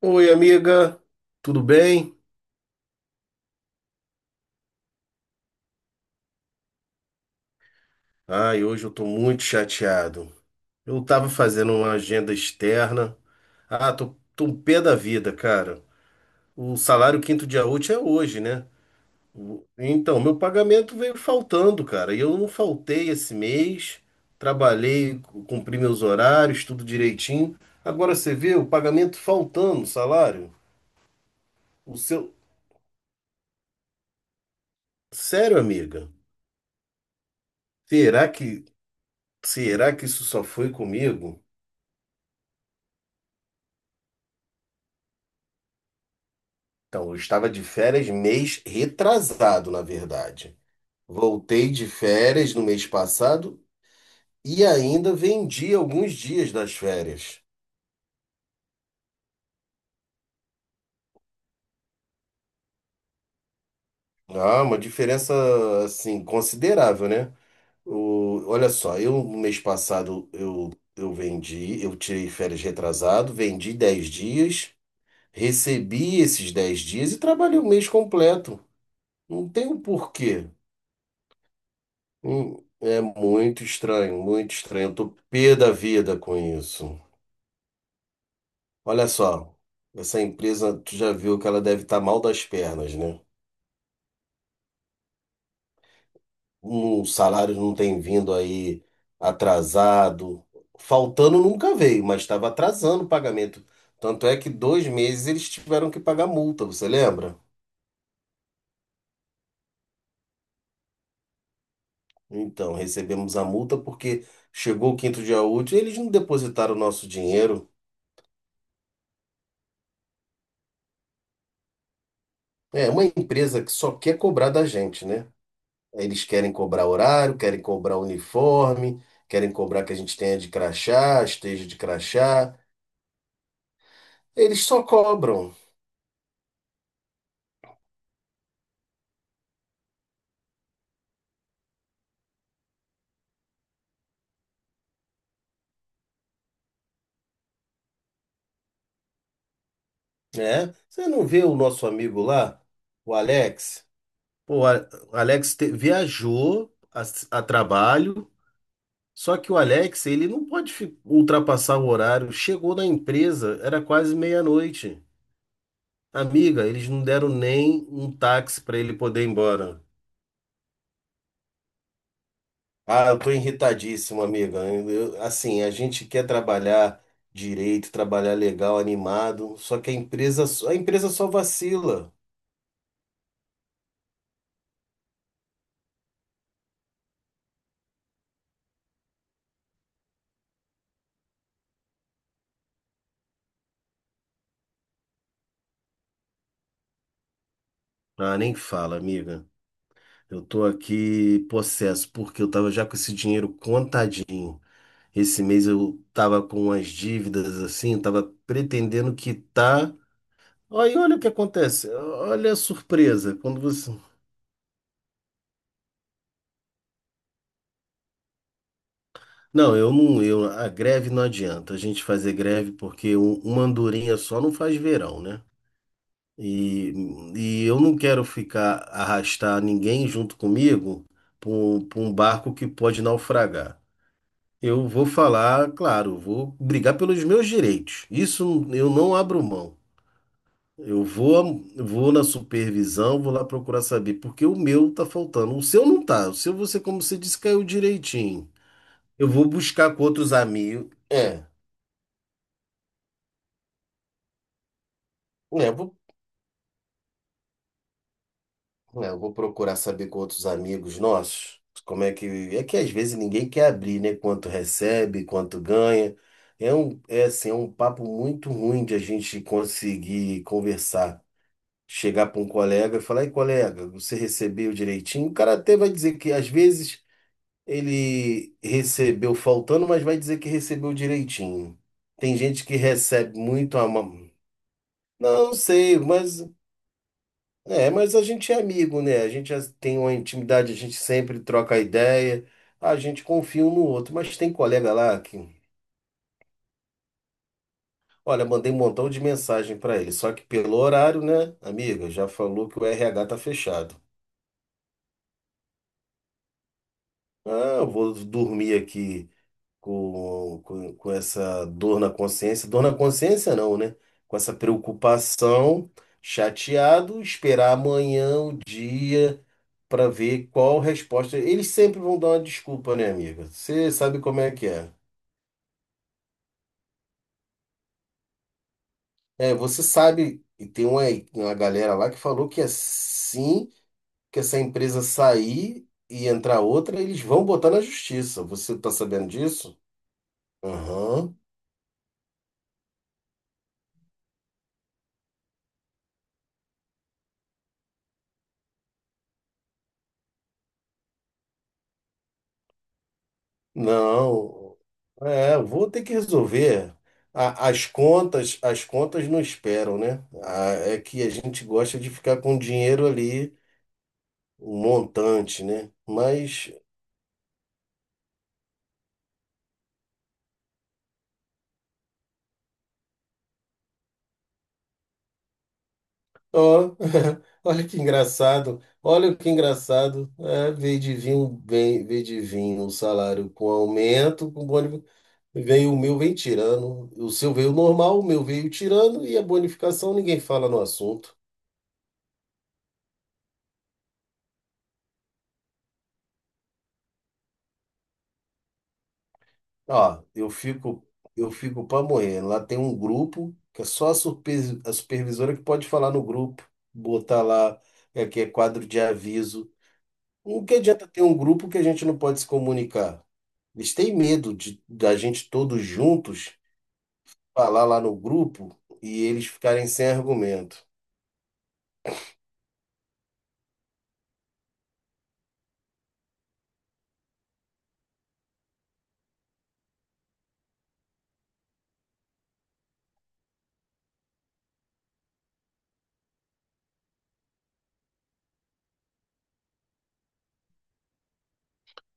Oi, amiga, tudo bem? Ai, hoje eu tô muito chateado. Eu tava fazendo uma agenda externa. Ah, tô um pé da vida, cara. O salário quinto dia útil é hoje, né? Então, meu pagamento veio faltando, cara. E eu não faltei esse mês. Trabalhei, cumpri meus horários, tudo direitinho. Agora você vê o pagamento faltando, o salário. O seu. Sério, amiga? Será que, será que isso só foi comigo? Então, eu estava de férias mês retrasado, na verdade. Voltei de férias no mês passado e ainda vendi alguns dias das férias. Ah, uma diferença assim considerável, né? Olha só, eu no mês passado eu vendi, eu tirei férias retrasado, vendi 10 dias, recebi esses 10 dias e trabalhei o mês completo. Não tem o porquê. É muito estranho, muito estranho. Eu tô pé da vida com isso. Olha só, essa empresa, tu já viu que ela deve estar mal das pernas, né? Um salário não tem vindo aí atrasado. Faltando nunca veio, mas estava atrasando o pagamento. Tanto é que 2 meses eles tiveram que pagar multa, você lembra? Então, recebemos a multa porque chegou o quinto dia útil e eles não depositaram o nosso dinheiro. É uma empresa que só quer cobrar da gente, né? Eles querem cobrar horário, querem cobrar uniforme, querem cobrar que a gente tenha de crachá, esteja de crachá. Eles só cobram, né? Você não vê o nosso amigo lá, o Alex? Pô, o Alex viajou a trabalho, só que o Alex, ele não pode ultrapassar o horário. Chegou na empresa, era quase meia-noite. Amiga, eles não deram nem um táxi para ele poder ir embora. Ah, eu tô irritadíssimo, amiga. Assim, a gente quer trabalhar direito, trabalhar legal, animado, só que a empresa, a empresa só vacila. Ah, nem fala, amiga. Eu tô aqui possesso, porque eu tava já com esse dinheiro contadinho. Esse mês eu tava com umas dívidas assim, tava pretendendo quitar. Aí olha o que acontece. Olha a surpresa. Quando você Não, eu não, eu, a greve não adianta a gente fazer greve porque uma andorinha só não faz verão, né? E, e eu não quero ficar arrastar ninguém junto comigo para pra um barco que pode naufragar. Eu vou falar, claro, vou brigar pelos meus direitos. Isso eu não abro mão. Eu vou na supervisão, vou lá procurar saber porque o meu tá faltando. O seu não tá. O seu você, como você disse, caiu direitinho. Eu vou buscar com outros amigos. É. É, eu vou procurar saber com outros amigos nossos como é que. É que às vezes ninguém quer abrir, né? Quanto recebe, quanto ganha. É assim, é um papo muito ruim de a gente conseguir conversar. Chegar para um colega e falar, ei, colega, você recebeu direitinho? O cara até vai dizer que às vezes ele recebeu faltando, mas vai dizer que recebeu direitinho. Tem gente que recebe muito a mão. Não sei, mas. É, mas a gente é amigo, né? A gente já tem uma intimidade, a gente sempre troca ideia, a gente confia um no outro, mas tem colega lá que, olha, mandei um montão de mensagem pra ele, só que pelo horário, né, amiga, já falou que o RH tá fechado. Ah, eu vou dormir aqui com essa dor na consciência não, né? Com essa preocupação, chateado, esperar amanhã o dia, para ver qual resposta. Eles sempre vão dar uma desculpa, né, amiga? Você sabe como é que é. É, você sabe, e tem uma galera lá que falou que assim que essa empresa sair e entrar outra, eles vão botar na justiça. Você tá sabendo disso? Aham. Não. É, eu vou ter que resolver. As contas não esperam, né? É que a gente gosta de ficar com o dinheiro ali, um montante, né? Mas, ó, olha que engraçado, olha que engraçado. É, veio de vir um salário com aumento, com boni, veio o meu, vem tirando. O seu veio normal, o meu veio tirando e a bonificação ninguém fala no assunto. Ó, eu fico pra morrer. Lá tem um grupo que é só a supervisora que pode falar no grupo, botar lá, é que é quadro de aviso. O que adianta ter um grupo que a gente não pode se comunicar? Eles têm medo de da gente todos juntos falar lá no grupo e eles ficarem sem argumento.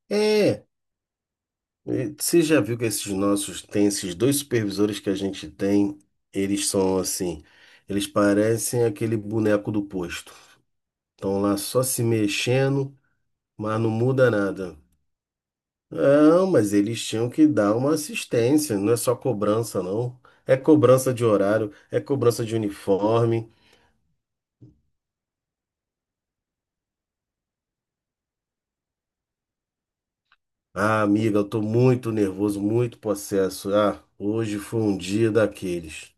É, e você já viu que esses nossos, tem esses dois supervisores que a gente tem, eles são assim, eles parecem aquele boneco do posto. Estão lá só se mexendo, mas não muda nada. Não, mas eles tinham que dar uma assistência, não é só cobrança, não. É cobrança de horário, é cobrança de uniforme. Ah, amiga, eu tô muito nervoso, muito possesso. Ah, hoje foi um dia daqueles.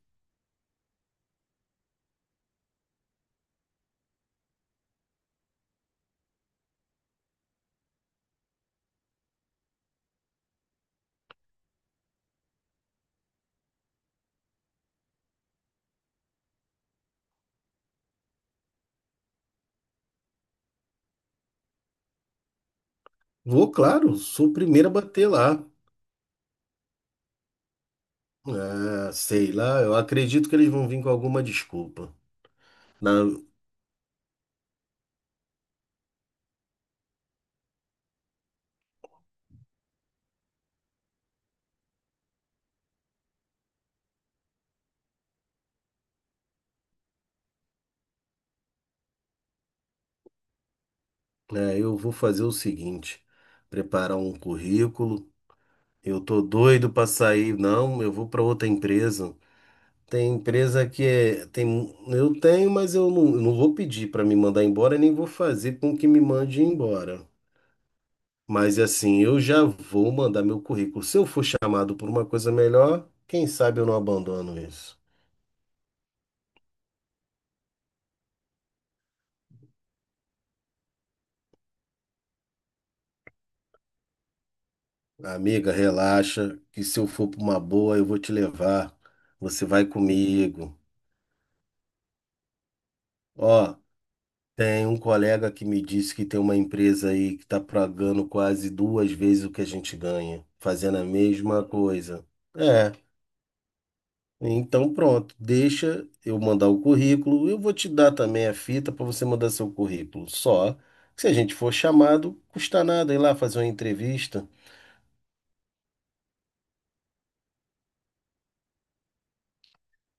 Vou, claro, sou o primeiro a bater lá. Ah, sei lá, eu acredito que eles vão vir com alguma desculpa. Na- é, eu vou fazer o seguinte: preparar um currículo. Eu tô doido pra sair. Não, eu vou pra outra empresa. Tem empresa que é, tem, eu tenho, mas eu não, não vou pedir pra me mandar embora, nem vou fazer com que me mande embora. Mas assim, eu já vou mandar meu currículo. Se eu for chamado por uma coisa melhor, quem sabe eu não abandono isso. Amiga, relaxa, que se eu for para uma boa, eu vou te levar. Você vai comigo. Ó, tem um colega que me disse que tem uma empresa aí que está pagando quase duas vezes o que a gente ganha, fazendo a mesma coisa. É. Então, pronto, deixa eu mandar o currículo. Eu vou te dar também a fita para você mandar seu currículo. Só que se a gente for chamado, custa nada ir lá fazer uma entrevista.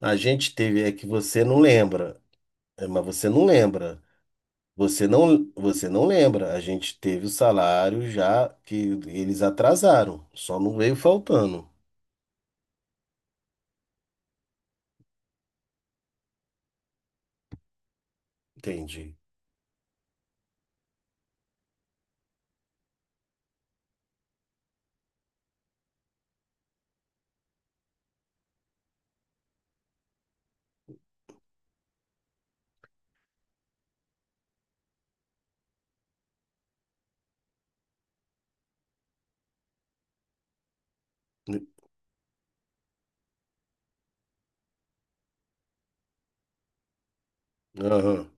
A gente teve, é que você não lembra, é, mas você não lembra. Você não lembra. A gente teve o salário já que eles atrasaram, só não veio faltando. Entendi. Aham.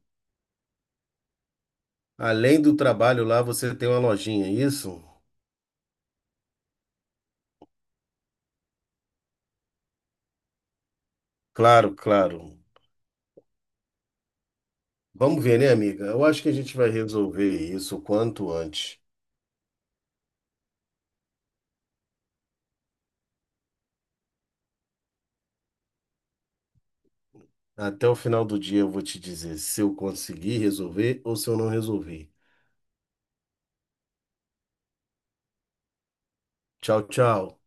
Além do trabalho lá, você tem uma lojinha, é isso? Claro, claro. Vamos ver, né, amiga? Eu acho que a gente vai resolver isso o quanto antes. Até o final do dia eu vou te dizer se eu conseguir resolver ou se eu não resolvi. Tchau, tchau.